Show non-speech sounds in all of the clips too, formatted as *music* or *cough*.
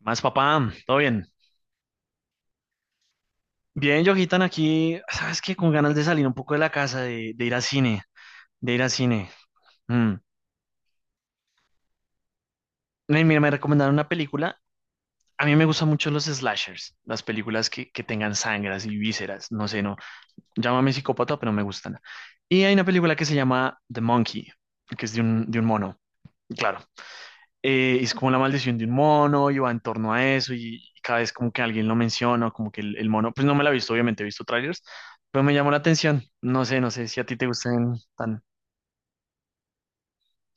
Más papá, todo bien. Bien, yojitan aquí, ¿sabes qué? Con ganas de salir un poco de la casa, de ir al cine, de ir al cine. Mm. Mira, me recomendaron una película. A mí me gustan mucho los slashers, las películas que tengan sangras y vísceras. No sé, no. Llámame psicópata, pero me gustan. Y hay una película que se llama The Monkey, que es de un mono. Claro, es como la maldición de un mono y va en torno a eso y cada vez como que alguien lo menciona, o como que el mono, pues no me la he visto, obviamente he visto trailers, pero me llamó la atención. No sé, no sé si a ti te gusten tan,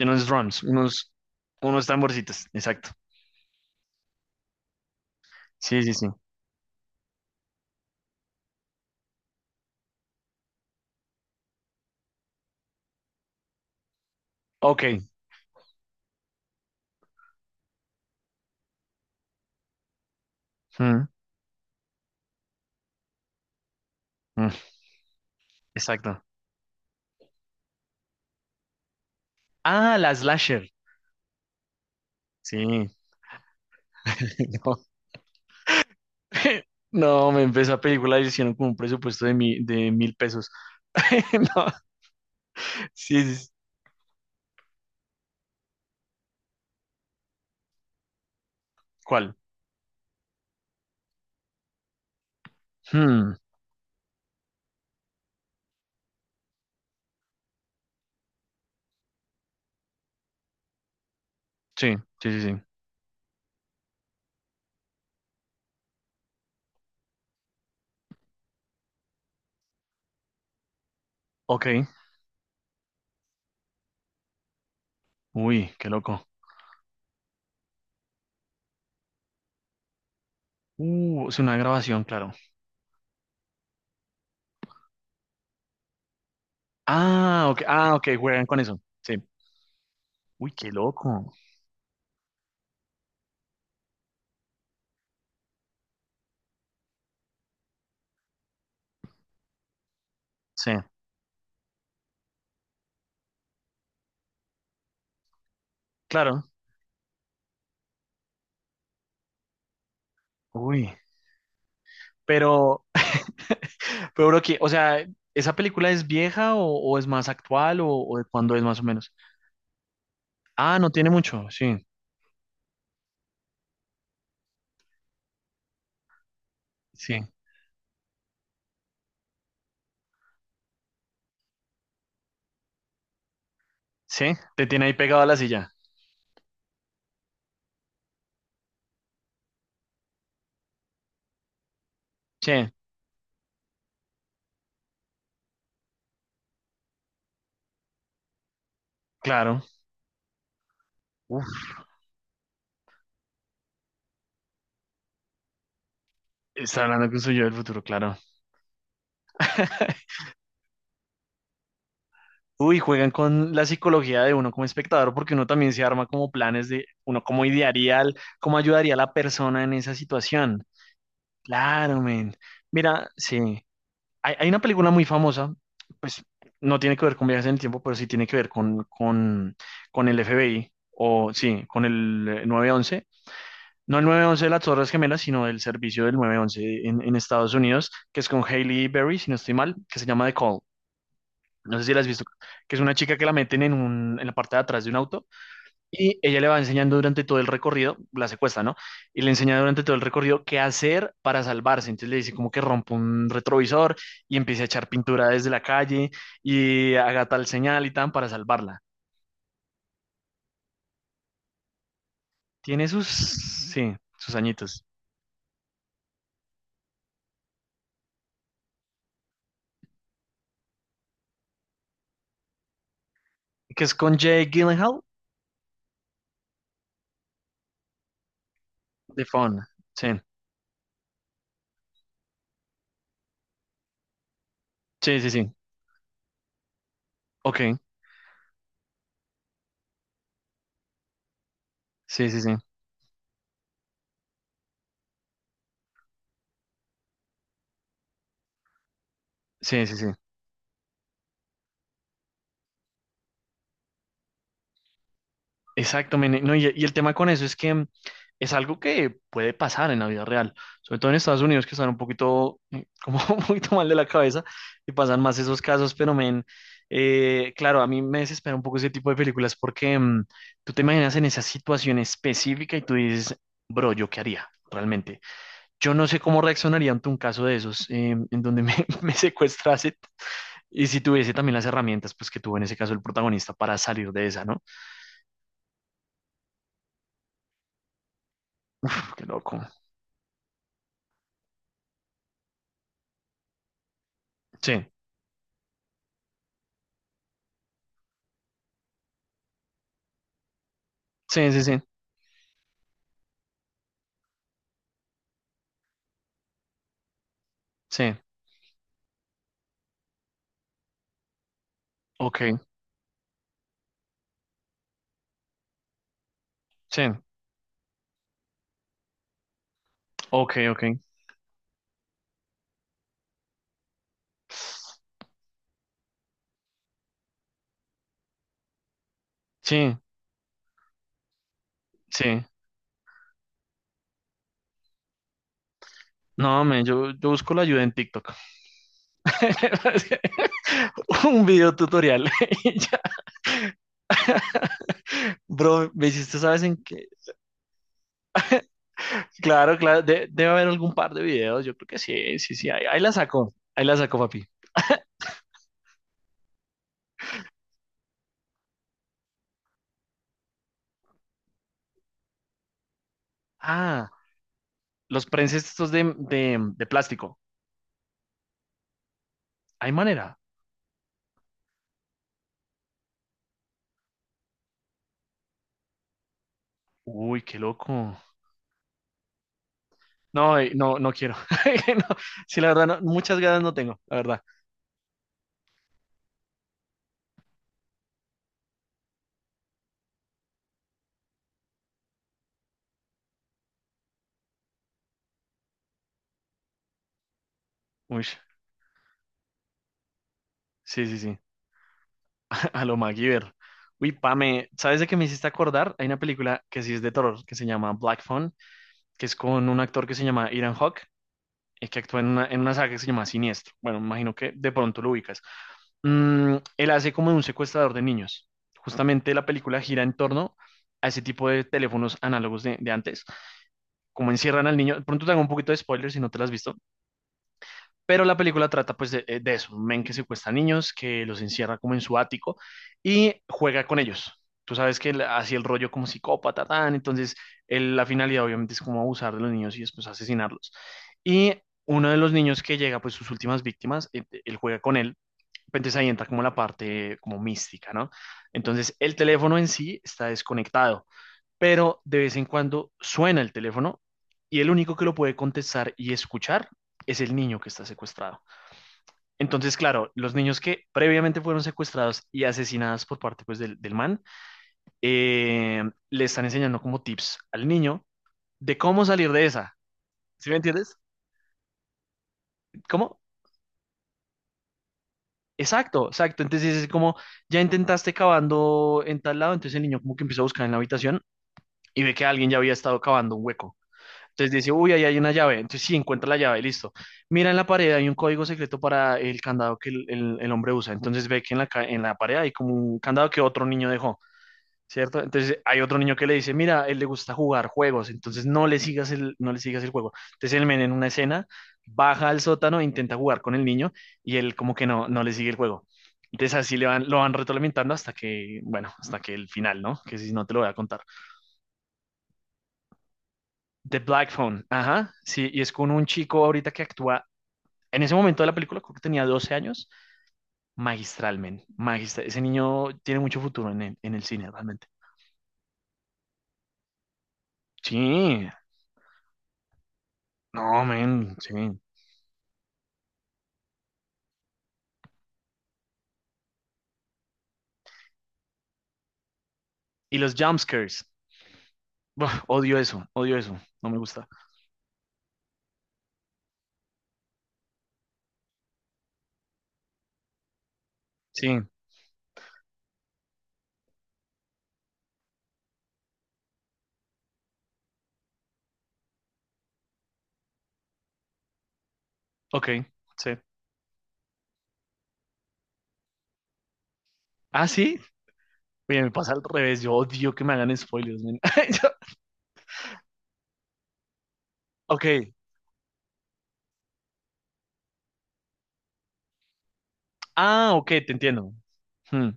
unos drums, unos tamborcitos, exacto. Sí, sí, sí. Ok. Mm, mm, exacto. Ah, la slasher. Sí. *laughs* No, *laughs* no, me empezó a película y hicieron como un presupuesto de 1.000 pesos. *laughs* No, sí, sí, sí. ¿Cuál? Hmm, sí, sí, sí, sí. Ok. Uy, qué loco. Es una grabación, claro. Ah, ok, ah, ok, juegan con eso. Sí. Uy, qué loco. Sí, claro. Uy, pero, *laughs* pero bro, que, o sea, ¿esa película es vieja o es más actual o de cuándo es más o menos? Ah, no tiene mucho, sí, sí, sí, te tiene ahí pegado a la silla. Sí, claro. Uf, está hablando con su yo del futuro, claro. *laughs* Uy, juegan con la psicología de uno como espectador, porque uno también se arma como planes de uno cómo idearía, cómo ayudaría a la persona en esa situación. Claro, men. Mira, sí. Hay una película muy famosa, pues no tiene que ver con viajes en el tiempo, pero sí tiene que ver con, el FBI, o sí, con el 911. No el 911 de las Torres Gemelas, sino el servicio del 911 en Estados Unidos, que es con Hailey Berry, si no estoy mal, que se llama The Call. No sé si la has visto, que es una chica que la meten en la parte de atrás de un auto y ella le va enseñando durante todo el recorrido, la secuestra, ¿no? Y le enseña durante todo el recorrido qué hacer para salvarse. Entonces le dice como que rompa un retrovisor y empiece a echar pintura desde la calle y haga tal señal y tan para salvarla. Tiene sus, sí, sus añitos. Que es con Jake Gyllenhaal de Fawn. Sí, sí, sí, sí. Ok, sí, sí, sí. Sí, sí, sí. Exacto, men. No, y el tema con eso es que es algo que puede pasar en la vida real, sobre todo en Estados Unidos que están un poquito, como *laughs* un poquito mal de la cabeza y pasan más esos casos, pero men, claro, a mí me desespera un poco ese tipo de películas porque tú te imaginas en esa situación específica y tú dices, bro, ¿yo qué haría? Realmente, yo no sé cómo reaccionaría ante un caso de esos en donde me, *laughs* me secuestrase y si tuviese también las herramientas pues que tuvo en ese caso el protagonista para salir de esa, ¿no? Uf, qué loco. Sí. Sí, sí, sí, sí, ok, sí, ok, ok, sí, sí. No, men, yo busco la ayuda en TikTok. *laughs* Un video tutorial. *laughs* Y ya. Bro, me hiciste, ¿sabes en qué? Claro, claro, debe haber algún par de videos. Yo creo que sí, sí, sí. Ahí la saco, ahí la saco, papi. Ah, los prenses estos de plástico. ¿Hay manera? Uy, qué loco. No, no, no quiero. *laughs* No, sí, la verdad, no, muchas ganas no tengo, la verdad. Uy, sí, sí, sí. A lo MacGyver. Uy, Pame, ¿sabes de qué me hiciste acordar? Hay una película que sí es de terror, que se llama Black Phone, que es con un actor que se llama Ethan Hawke, que actúa en una saga que se llama Siniestro. Bueno, me imagino que de pronto lo ubicas. Él hace como de un secuestrador de niños. Justamente la película gira en torno a ese tipo de teléfonos análogos de antes. Como encierran al niño. De pronto te hago un poquito de spoiler si no te las has visto pero la película trata pues de eso, un men que secuestra niños, que los encierra como en su ático y juega con ellos. Tú sabes que él hacía el rollo como psicópata, tan, entonces la finalidad obviamente es como abusar de los niños y después asesinarlos. Y uno de los niños que llega, pues sus últimas víctimas, él juega con él, entonces ahí entra como la parte como mística, ¿no? Entonces el teléfono en sí está desconectado, pero de vez en cuando suena el teléfono y el único que lo puede contestar y escuchar es el niño que está secuestrado. Entonces, claro, los niños que previamente fueron secuestrados y asesinados por parte pues, del man, eh, le están enseñando como tips al niño de cómo salir de esa. ¿Sí me entiendes? ¿Cómo? Exacto, exacto. Entonces es como, ya intentaste cavando en tal lado, entonces el niño como que empieza a buscar en la habitación y ve que alguien ya había estado cavando un hueco. Entonces dice, uy, ahí hay una llave. Entonces sí, encuentra la llave, listo. Mira en la pared, hay un código secreto para el candado que el hombre usa. Entonces ve que en la pared hay como un candado que otro niño dejó. ¿Cierto? Entonces hay otro niño que le dice, mira, a él le gusta jugar juegos, entonces no le sigas el, no le sigas el juego. Entonces el men en una escena baja al sótano, e intenta jugar con el niño y él como que no, no le sigue el juego. Entonces así le van, lo van retroalimentando hasta que, bueno, hasta que el final, ¿no? Que si no te lo voy a contar. The Black Phone, ajá, sí, y es con un chico ahorita que actúa, en ese momento de la película, creo que tenía 12 años, magistral men magistral. Ese niño tiene mucho futuro en el cine, realmente. Sí, no, men, sí. Y los jumpscares. Buah, odio eso, odio eso. No me gusta. Sí, ok, sí. Ah, sí. Bien, me pasa al revés. Yo odio que me hagan spoilers, men. *laughs* Yo- Ok. Ah, ok, te entiendo. Hmm,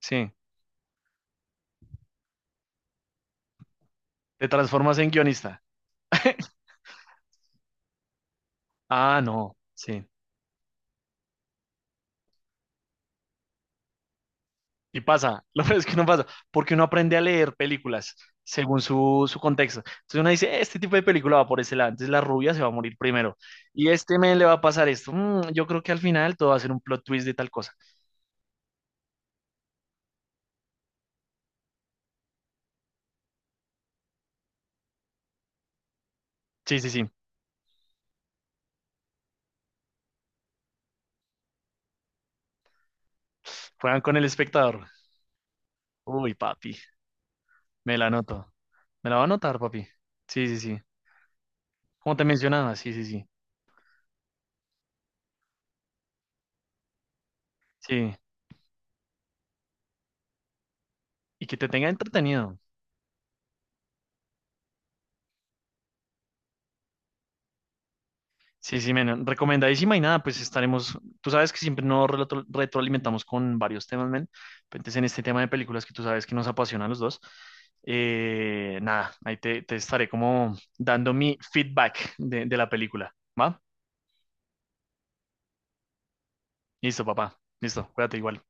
sí. Te transformas en guionista. *laughs* Ah, no, sí. Y pasa, *laughs* lo peor es que no pasa, porque uno aprende a leer películas según su contexto. Entonces uno dice, este tipo de película va por ese lado, entonces la rubia se va a morir primero. Y este men le va a pasar esto. Yo creo que al final todo va a ser un plot twist de tal cosa. Sí, sí, sí. Juegan con el espectador. Uy, papi, me la anoto. Me la va a anotar, papi. Sí, sí, sí. Como te mencionaba, sí, sí, sí. Sí. Y que te tenga entretenido. Sí, sí, men. Recomendadísima y nada, pues estaremos. Tú sabes que siempre nos retroalimentamos con varios temas, men. Entonces, en este tema de películas que tú sabes que nos apasiona a los dos, nada, ahí te estaré como dando mi feedback de la película. ¿Va? Listo, papá. Listo, cuídate igual.